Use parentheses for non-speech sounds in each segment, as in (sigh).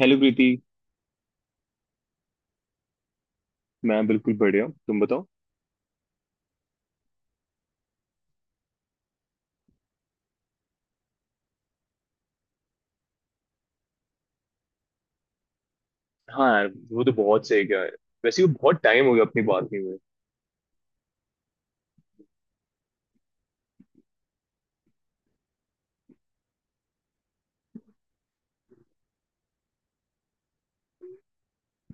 Hello Preeti. मैं बिल्कुल बढ़िया, तुम बताओ। हाँ यार, वो तो बहुत सही क्या है। वैसे वो बहुत टाइम हो गया, अपनी बात नहीं हुए।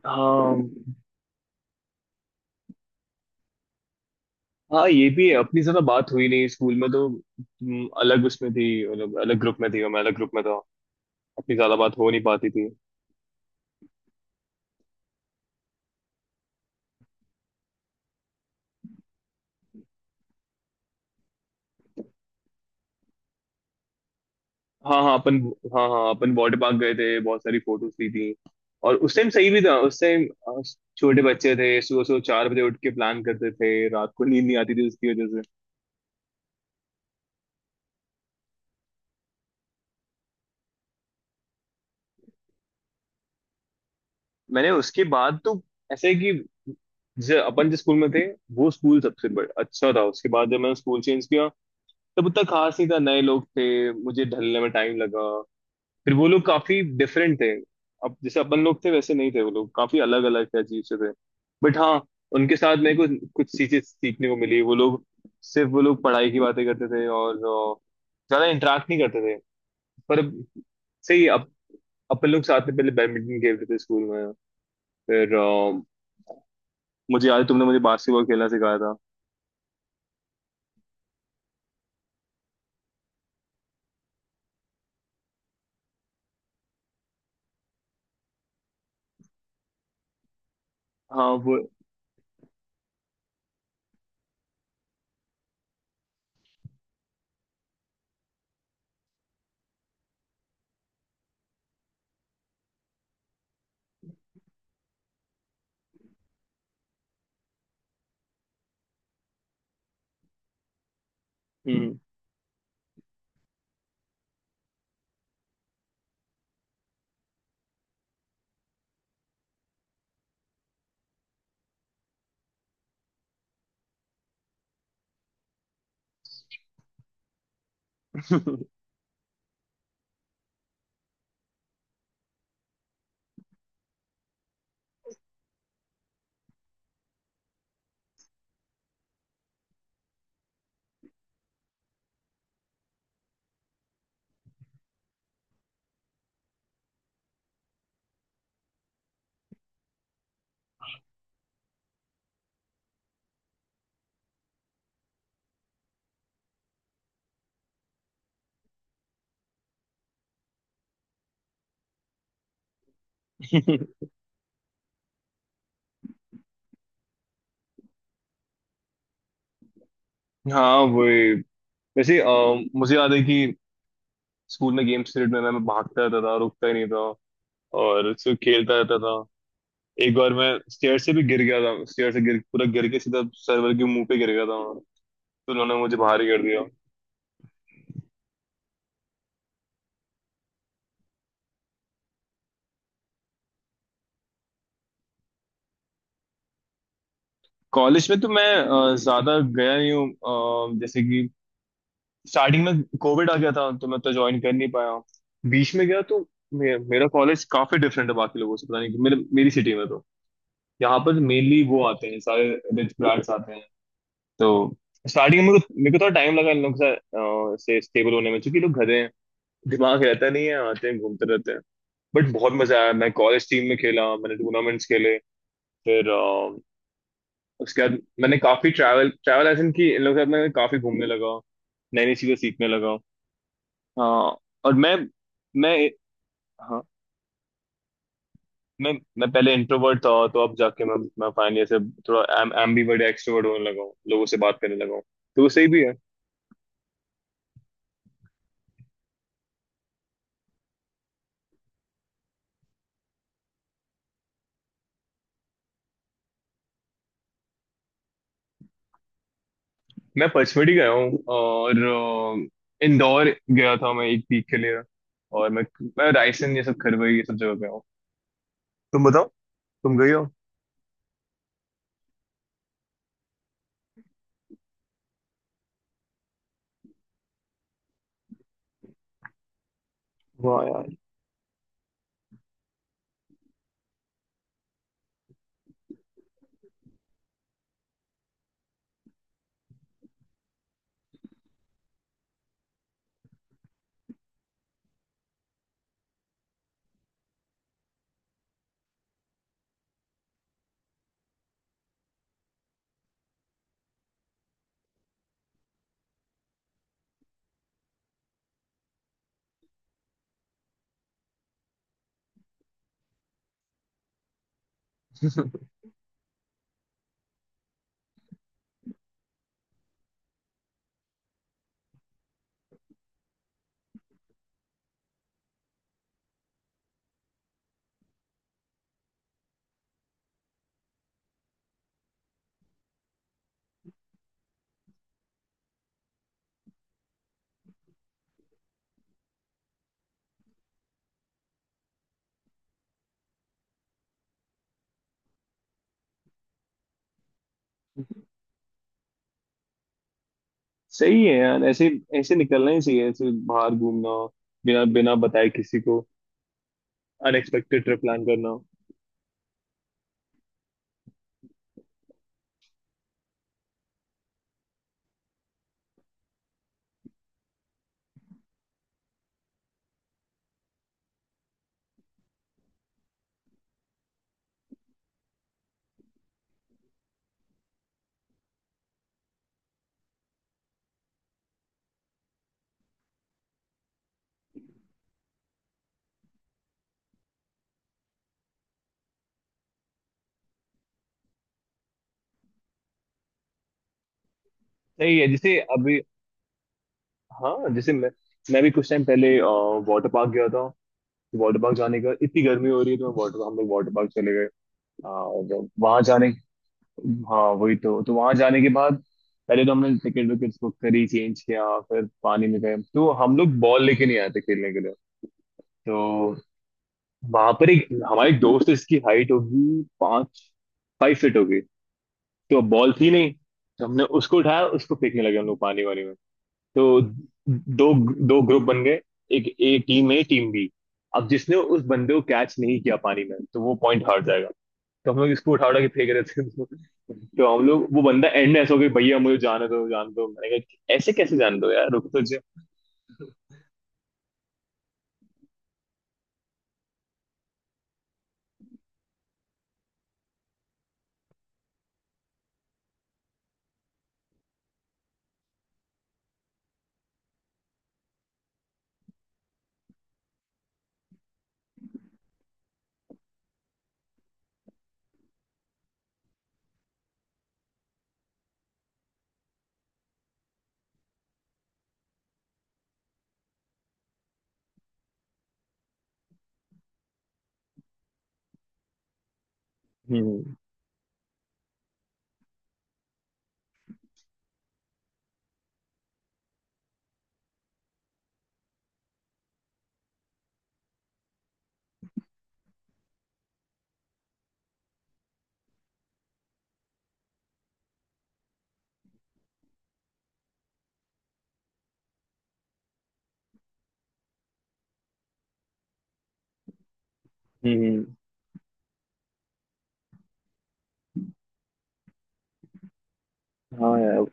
हाँ हाँ, ये भी है, अपनी ज्यादा बात हुई नहीं स्कूल में, तो तुम अलग उसमें थी। मतलब अलग ग्रुप में थी और मैं अलग ग्रुप में था। अपनी ज्यादा बात हो नहीं पाती थी। हाँ हाँ अपन हाँ हाँ अपन वाटर पार्क गए थे, बहुत सारी फोटोज ली थी। और उस टाइम सही भी था, उस टाइम छोटे बच्चे थे। सुबह सुबह चार बजे उठ के प्लान करते थे, रात को नींद नहीं आती थी उसकी वजह। मैंने उसके बाद तो ऐसे है कि जैसे अपन जिस स्कूल में थे, वो स्कूल सबसे बड़ा अच्छा था। उसके बाद जब मैंने स्कूल चेंज किया, तब उतना खास नहीं था, नए लोग थे। मुझे ढलने में टाइम लगा। फिर वो लोग काफी डिफरेंट थे। अब जैसे अपन लोग थे वैसे नहीं थे, वो लोग काफी अलग अलग थे, अजीब से थे। बट हाँ, उनके साथ मेरे को कुछ चीजें सीखने को मिली। वो लोग सिर्फ, वो लोग पढ़ाई की बातें करते थे और ज्यादा इंटरेक्ट नहीं करते थे। पर अब- सही है, अब अपन लोग साथ में पहले बैडमिंटन खेलते थे स्कूल में। फिर मुझे याद है तुमने मुझे बास्केटबॉल खेलना सिखाया था। हाँ वो। हम्म। (laughs) हाँ वही। वैसे मुझे याद है कि स्कूल में गेम्स पीरियड में मैं भागता रहता था, रुकता ही नहीं था और सिर्फ खेलता रहता था। एक बार मैं स्टेयर से भी गिर गया था, स्टेयर से गिर पूरा गिर के सीधा सर्वर के मुंह पे गिर गया था। तो उन्होंने मुझे बाहर ही कर दिया। कॉलेज में तो मैं ज्यादा गया नहीं हूँ। जैसे कि स्टार्टिंग में कोविड आ गया था, तो मैं तो ज्वाइन कर नहीं पाया। बीच में गया तो मेरा कॉलेज काफी डिफरेंट है बाकी लोगों से, पता नहीं क्यों। मेरे मेरी सिटी में तो यहाँ पर मेनली वो आते हैं सारे, रिच ब्रांड्स आते हैं। तो स्टार्टिंग में मेरे को थोड़ा टाइम लगा इन लोग से स्टेबल होने में, क्योंकि लोग गधे हैं। दिमाग रहता नहीं है, आते हैं घूमते रहते हैं। बट बहुत मजा आया, मैं कॉलेज टीम में खेला, मैंने टूर्नामेंट्स खेले। फिर उसके बाद मैंने काफी ट्रैवल ट्रैवल एजेंट की। इन लोगों के साथ मैं काफी घूमने लगा, नई नई चीजें सीखने लगा। हाँ। और मैं हाँ, मैं मैं पहले इंट्रोवर्ट था, तो अब जाके मैं फाइनली ऐसे थोड़ा एम एम्बीवर्ट एक्सट्रोवर्ट होने लगा हूँ, लोगों से बात करने लगा हूँ। तो वो सही भी है। मैं पचमढ़ी गया हूँ और इंदौर गया था मैं एक वीक के लिए। और मैं रायसेन, ये सब खरवई, ये सब जगह गया हूँ। तुम बताओ, तुम गई हो। वाह यार। सही है यार, ऐसे ऐसे निकलना ही चाहिए, ऐसे बाहर घूमना, बिना बिना बताए किसी को, अनएक्सपेक्टेड ट्रिप प्लान करना। सही है। जैसे अभी, हाँ जैसे मैं भी कुछ टाइम पहले वाटर पार्क गया था, वाटर पार्क जाने का, इतनी गर्मी हो रही है, तो मैं वाटर हम लोग वाटर पार्क चले गए। और वहां जाने, हाँ वही तो वहां जाने के बाद पहले तो हमने टिकट विकेट बुक करी, चेंज किया, फिर पानी में गए। तो हम लोग बॉल लेके नहीं आए थे खेलने के लिए। तो वहां पर एक, हमारे एक दोस्त है, इसकी हाइट होगी पाँच, फाइव फीट होगी। तो बॉल थी नहीं, तो हमने उसको उठाया, उसको फेंकने लगे हम लोग पानी वानी। तो दो दो ग्रुप बन गए, एक A team, A team B. अब जिसने उस बंदे को कैच नहीं किया पानी में, तो वो पॉइंट हार जाएगा। तो हम लोग इसको उठा उठा के फेंक रहे थे। (laughs) तो हम लोग, वो बंदा एंड में ऐसा हो गया, भैया मुझे जाने दो, जाने दो। मैंने कहा, ऐसे कैसे जाने दो यार, रुक तो जा। हम्म। हम्म। हाँ यार,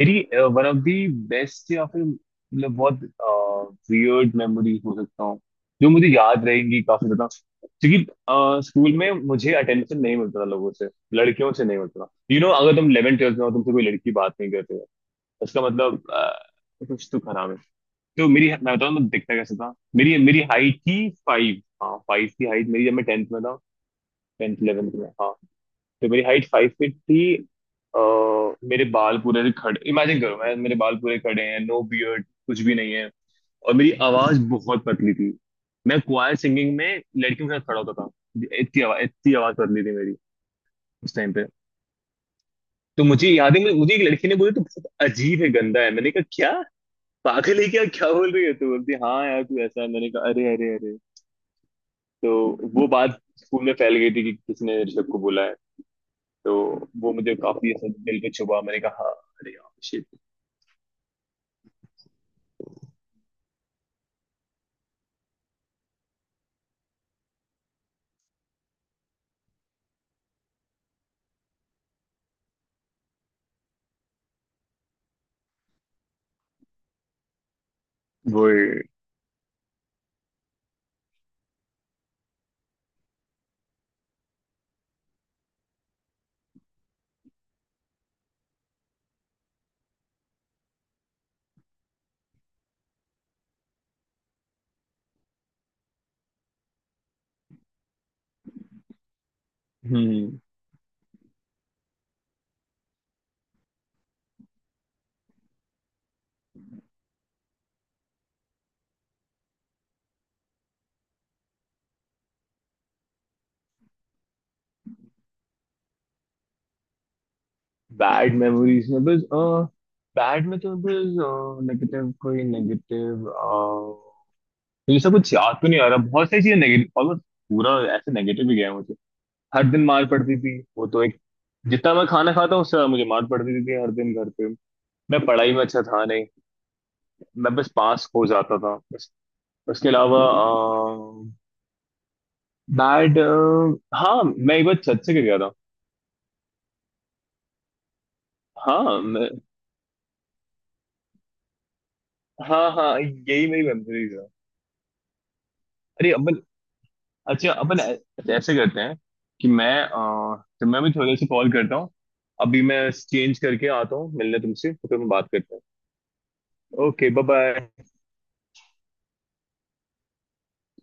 मेरी वन ऑफ दी बेस्ट, या फिर मतलब बहुत वियर्ड मेमोरीज हो सकता हूँ, जो मुझे याद रहेंगी काफी ज्यादा। क्योंकि स्कूल में मुझे अटेंशन नहीं मिलता था लोगों से, लड़कियों से नहीं मिलता था। यू you नो know, अगर तुम 11th ट्वेल्थ में हो, तुमसे कोई लड़की बात नहीं करते हो, उसका मतलब कुछ तो खराब है। तो मेरी, मैं बताऊँ मैं दिखता कैसा था। मेरी मेरी हाइट थी फाइव, हाँ, फाइव की हाइट मेरी जब मैं टेंथ में था, टेंथ इलेवेंथ में, हाँ। तो मेरी हाइट फाइव फीट थी और मेरे बाल पूरे से खड़े, इमेजिन करो, मैं, मेरे बाल पूरे खड़े हैं, नो बियर्ड कुछ भी नहीं है, और मेरी आवाज बहुत पतली थी। मैं क्वायर सिंगिंग में लड़कियों के साथ खड़ा होता था, इतनी आवाज पतली थी मेरी उस टाइम पे। तो मुझे याद है, मुझे मुझे एक लड़की ने बोली तो, बहुत अजीब है, गंदा है। मैंने कहा, क्या पागल है क्या, क्या बोल रही है तू। बोलती हाँ यार, तू ऐसा है। मैंने कहा अरे अरे अरे। तो वो बात स्कूल में फैल गई थी कि किसने ऋषभ को बोला है। तो वो मुझे काफी ऐसा दिल पे छुपा। मैंने कहा हाँ, अरे यार शिट। वो। हम्म। बैड मेमोरीज में बस, बैड में तो बस नेगेटिव, कोई नेगेटिव मुझे सब कुछ याद तो नहीं आ रहा। बहुत सारी चीजें नेगेटिव, ऑलमोस्ट पूरा ऐसे नेगेटिव ही गया है मुझे। हर दिन मार पड़ती थी, वो तो एक, जितना मैं खाना खाता हूँ उससे ज्यादा मुझे मार पड़ती थी हर दिन घर पे। मैं पढ़ाई में अच्छा था नहीं, मैं बस पास हो जाता था, बस। उसके अलावा बैड, हाँ मैं एक बार छत से गिर गया था। हाँ मैं, हाँ हाँ, यही मेरी मेमोरीज है। अरे अपन, अच्छा अपन ऐ- अच्छा, ऐसे करते हैं कि मैं, तो मैं भी थोड़े से कॉल करता हूँ, अभी मैं चेंज करके आता हूँ, मिलने तुमसे, तो फिर हम बात करते हैं। Okay, bye bye.